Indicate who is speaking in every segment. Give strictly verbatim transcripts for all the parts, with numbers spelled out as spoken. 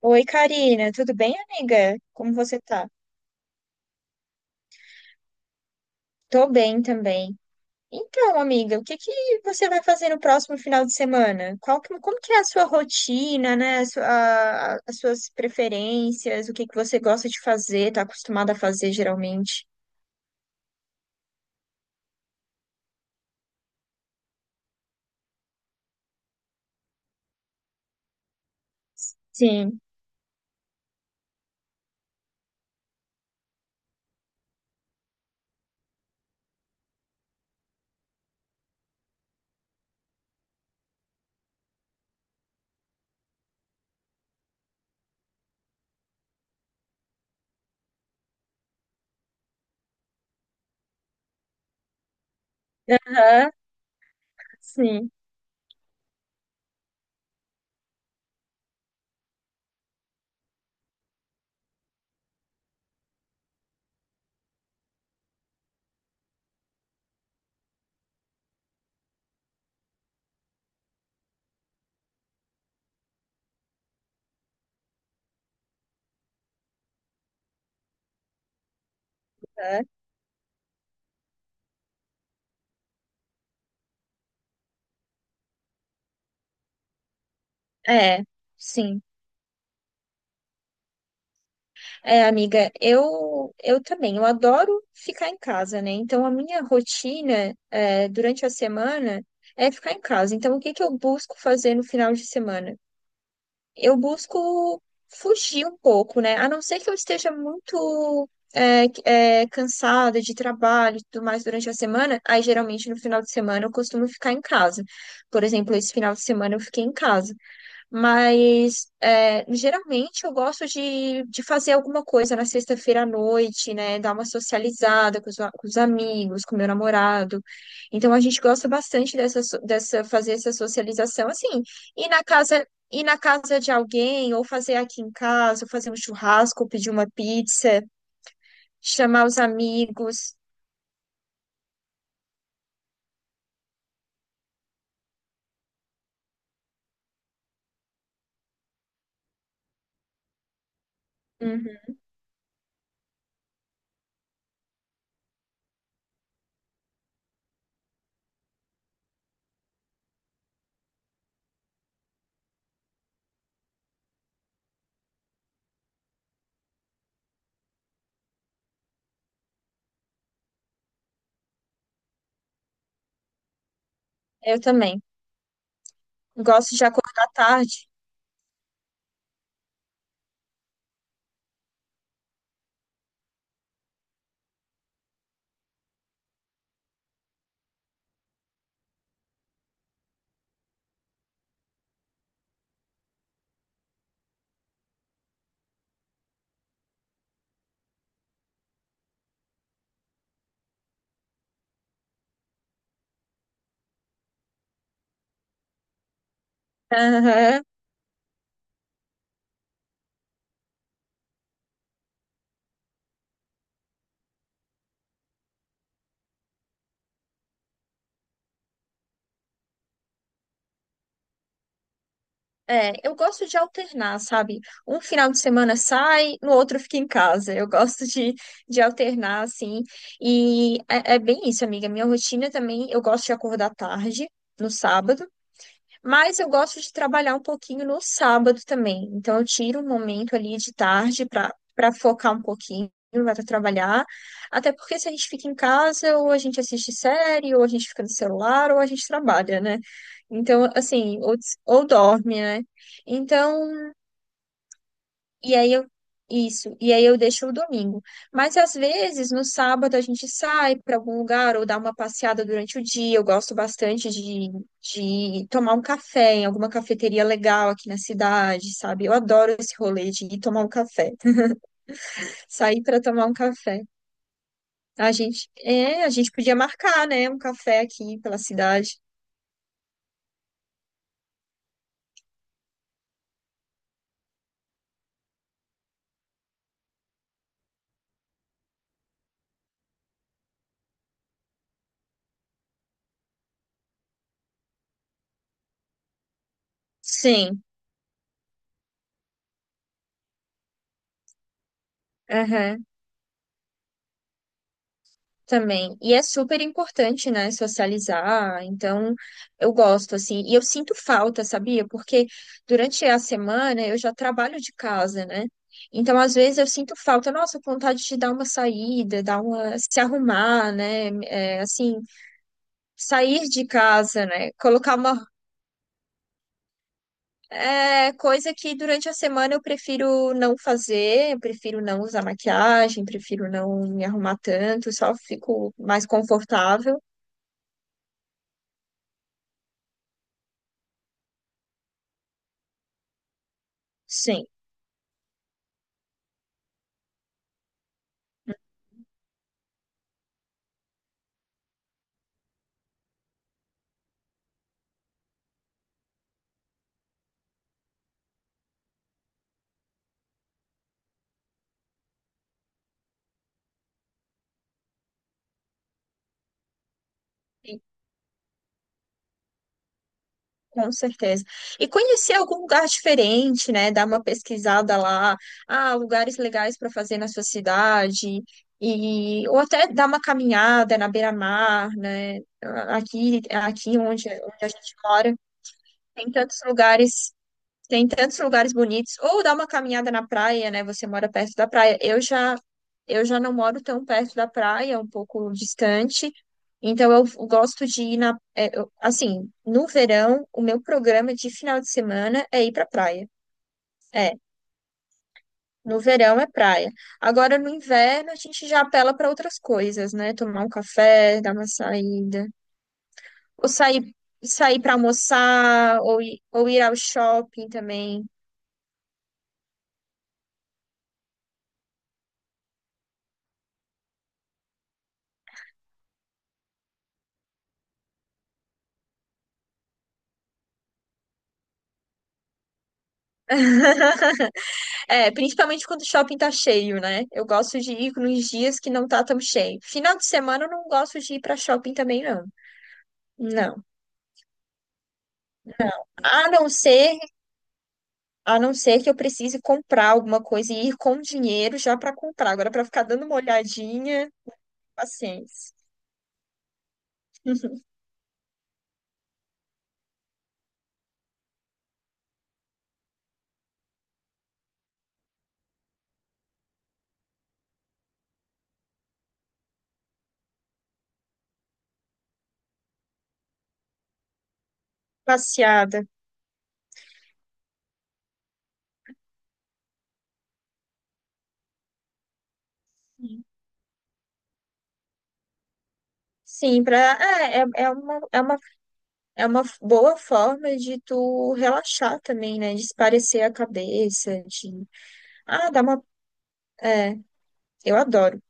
Speaker 1: Oi, Karina, tudo bem, amiga? Como você tá? Tô bem também. Então, amiga, o que que você vai fazer no próximo final de semana? Qual que- como que é a sua rotina, né? A sua- a- a- as suas preferências, o que que você gosta de fazer, tá acostumada a fazer geralmente? Sim. Aham, sim. Aham. É, sim. É, amiga, eu eu também, eu adoro ficar em casa, né? Então a minha rotina é, durante a semana é ficar em casa. Então o que que eu busco fazer no final de semana? Eu busco fugir um pouco, né? A não ser que eu esteja muito é, que- é, cansada de trabalho e tudo mais durante a semana, aí geralmente no final de semana eu costumo ficar em casa. Por exemplo, esse final de semana eu fiquei em casa. Mas é, geralmente eu gosto de, de fazer alguma coisa na sexta-feira à noite, né? Dar uma socializada com os, a- com os amigos, com meu namorado. Então a gente gosta bastante dessa, so- dessa fazer essa socialização assim, ir na casa, ir na casa de alguém, ou fazer aqui em casa, ou fazer um churrasco, ou pedir uma pizza, chamar os amigos. Uhum, eu também. Gosto de acordar tarde. Aham. É, eu gosto de alternar, sabe? Um final de semana sai, no outro fica em casa. Eu gosto de, de alternar, assim. E é, é bem isso, amiga. Minha rotina também, eu gosto de acordar tarde, no sábado. Mas eu gosto de trabalhar um pouquinho no sábado também. Então eu tiro um momento ali de tarde para para focar um pouquinho, vai para trabalhar. Até porque se a gente fica em casa, ou a gente assiste série, ou a gente fica no celular, ou a gente trabalha, né? Então, assim, ou, des- ou dorme, né? Então, e aí eu isso, e aí eu deixo o domingo. Mas às vezes no sábado a gente sai para algum lugar ou dá uma passeada durante o dia. Eu gosto bastante de, de tomar um café em alguma cafeteria legal aqui na cidade, sabe? Eu adoro esse rolê de ir tomar um café, sair para tomar um café. A gente, é, a gente podia marcar, né, um café aqui pela cidade. Sim. Aham. Também. E é super importante, né, socializar. Então, eu gosto, assim. E eu sinto falta, sabia? Porque durante a semana eu já trabalho de casa, né? Então, às vezes eu sinto falta, nossa, vontade de dar uma saída, dar uma, se arrumar, né? É, assim, sair de casa, né? Colocar uma, é, coisa que durante a semana eu prefiro não fazer, eu prefiro não usar maquiagem, prefiro não me arrumar tanto, só fico mais confortável. Sim. Com certeza. E conhecer algum lugar diferente, né? Dar uma pesquisada lá, ah, lugares legais para fazer na sua cidade, e ou até dar uma caminhada na beira-mar, né? Aqui, aqui onde, onde a gente mora, tem tantos lugares tem tantos lugares bonitos. Ou dar uma caminhada na praia, né? Você mora perto da praia. Eu já, eu já não moro tão perto da praia, um pouco distante. Então eu gosto de ir na, é, eu- assim, no verão, o meu programa de final de semana é ir pra praia. É, no verão é praia. Agora no inverno a gente já apela para outras coisas, né? Tomar um café, dar uma saída, ou sair, sair para almoçar, ou ir, ou ir ao shopping também. É, principalmente quando o shopping tá cheio, né? Eu gosto de ir nos dias que não tá tão cheio. Final de semana eu não gosto de ir pra shopping também, não. Não. A não ser, a não ser que eu precise comprar alguma coisa e ir com dinheiro já pra comprar. Agora pra ficar dando uma olhadinha, paciência. Passeada. Sim, pra, é, é, é uma, é uma, é uma boa forma de tu relaxar também, né? De espairecer a cabeça, de. Ah, dá uma. É, eu adoro.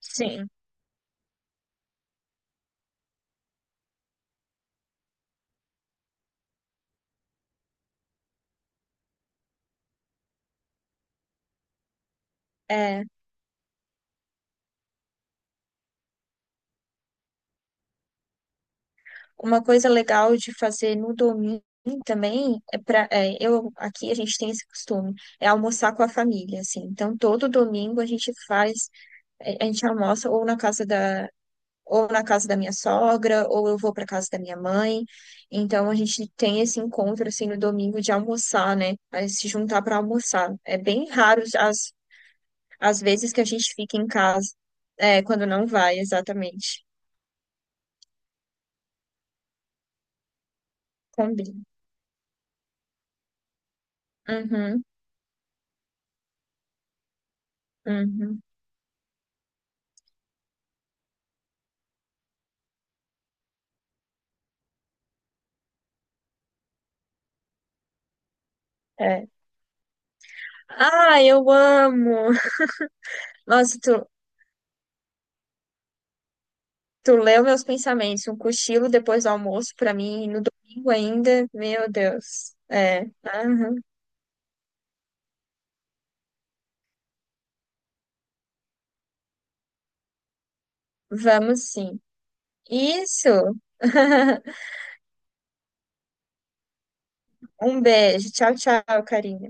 Speaker 1: Sim. É. Uma coisa legal de fazer no domingo também é para eu aqui a gente tem esse costume, é almoçar com a família, assim. Então todo domingo a gente faz, eh, a gente almoça ou na casa da ou na casa da minha sogra, ou eu vou para casa da minha mãe. Então a gente tem esse encontro assim no domingo de almoçar, né? Aí se juntar para almoçar. É bem raro as as vezes que a gente fica em casa, é, quando não vai, exatamente. Combina. Uhum, uhum. É. Ah, eu amo! Nossa, tu, tu leu meus pensamentos. Um cochilo depois do almoço pra mim, no domingo ainda. Meu Deus. É. aham. Vamos sim. Isso! Um beijo. Tchau, tchau, Karina.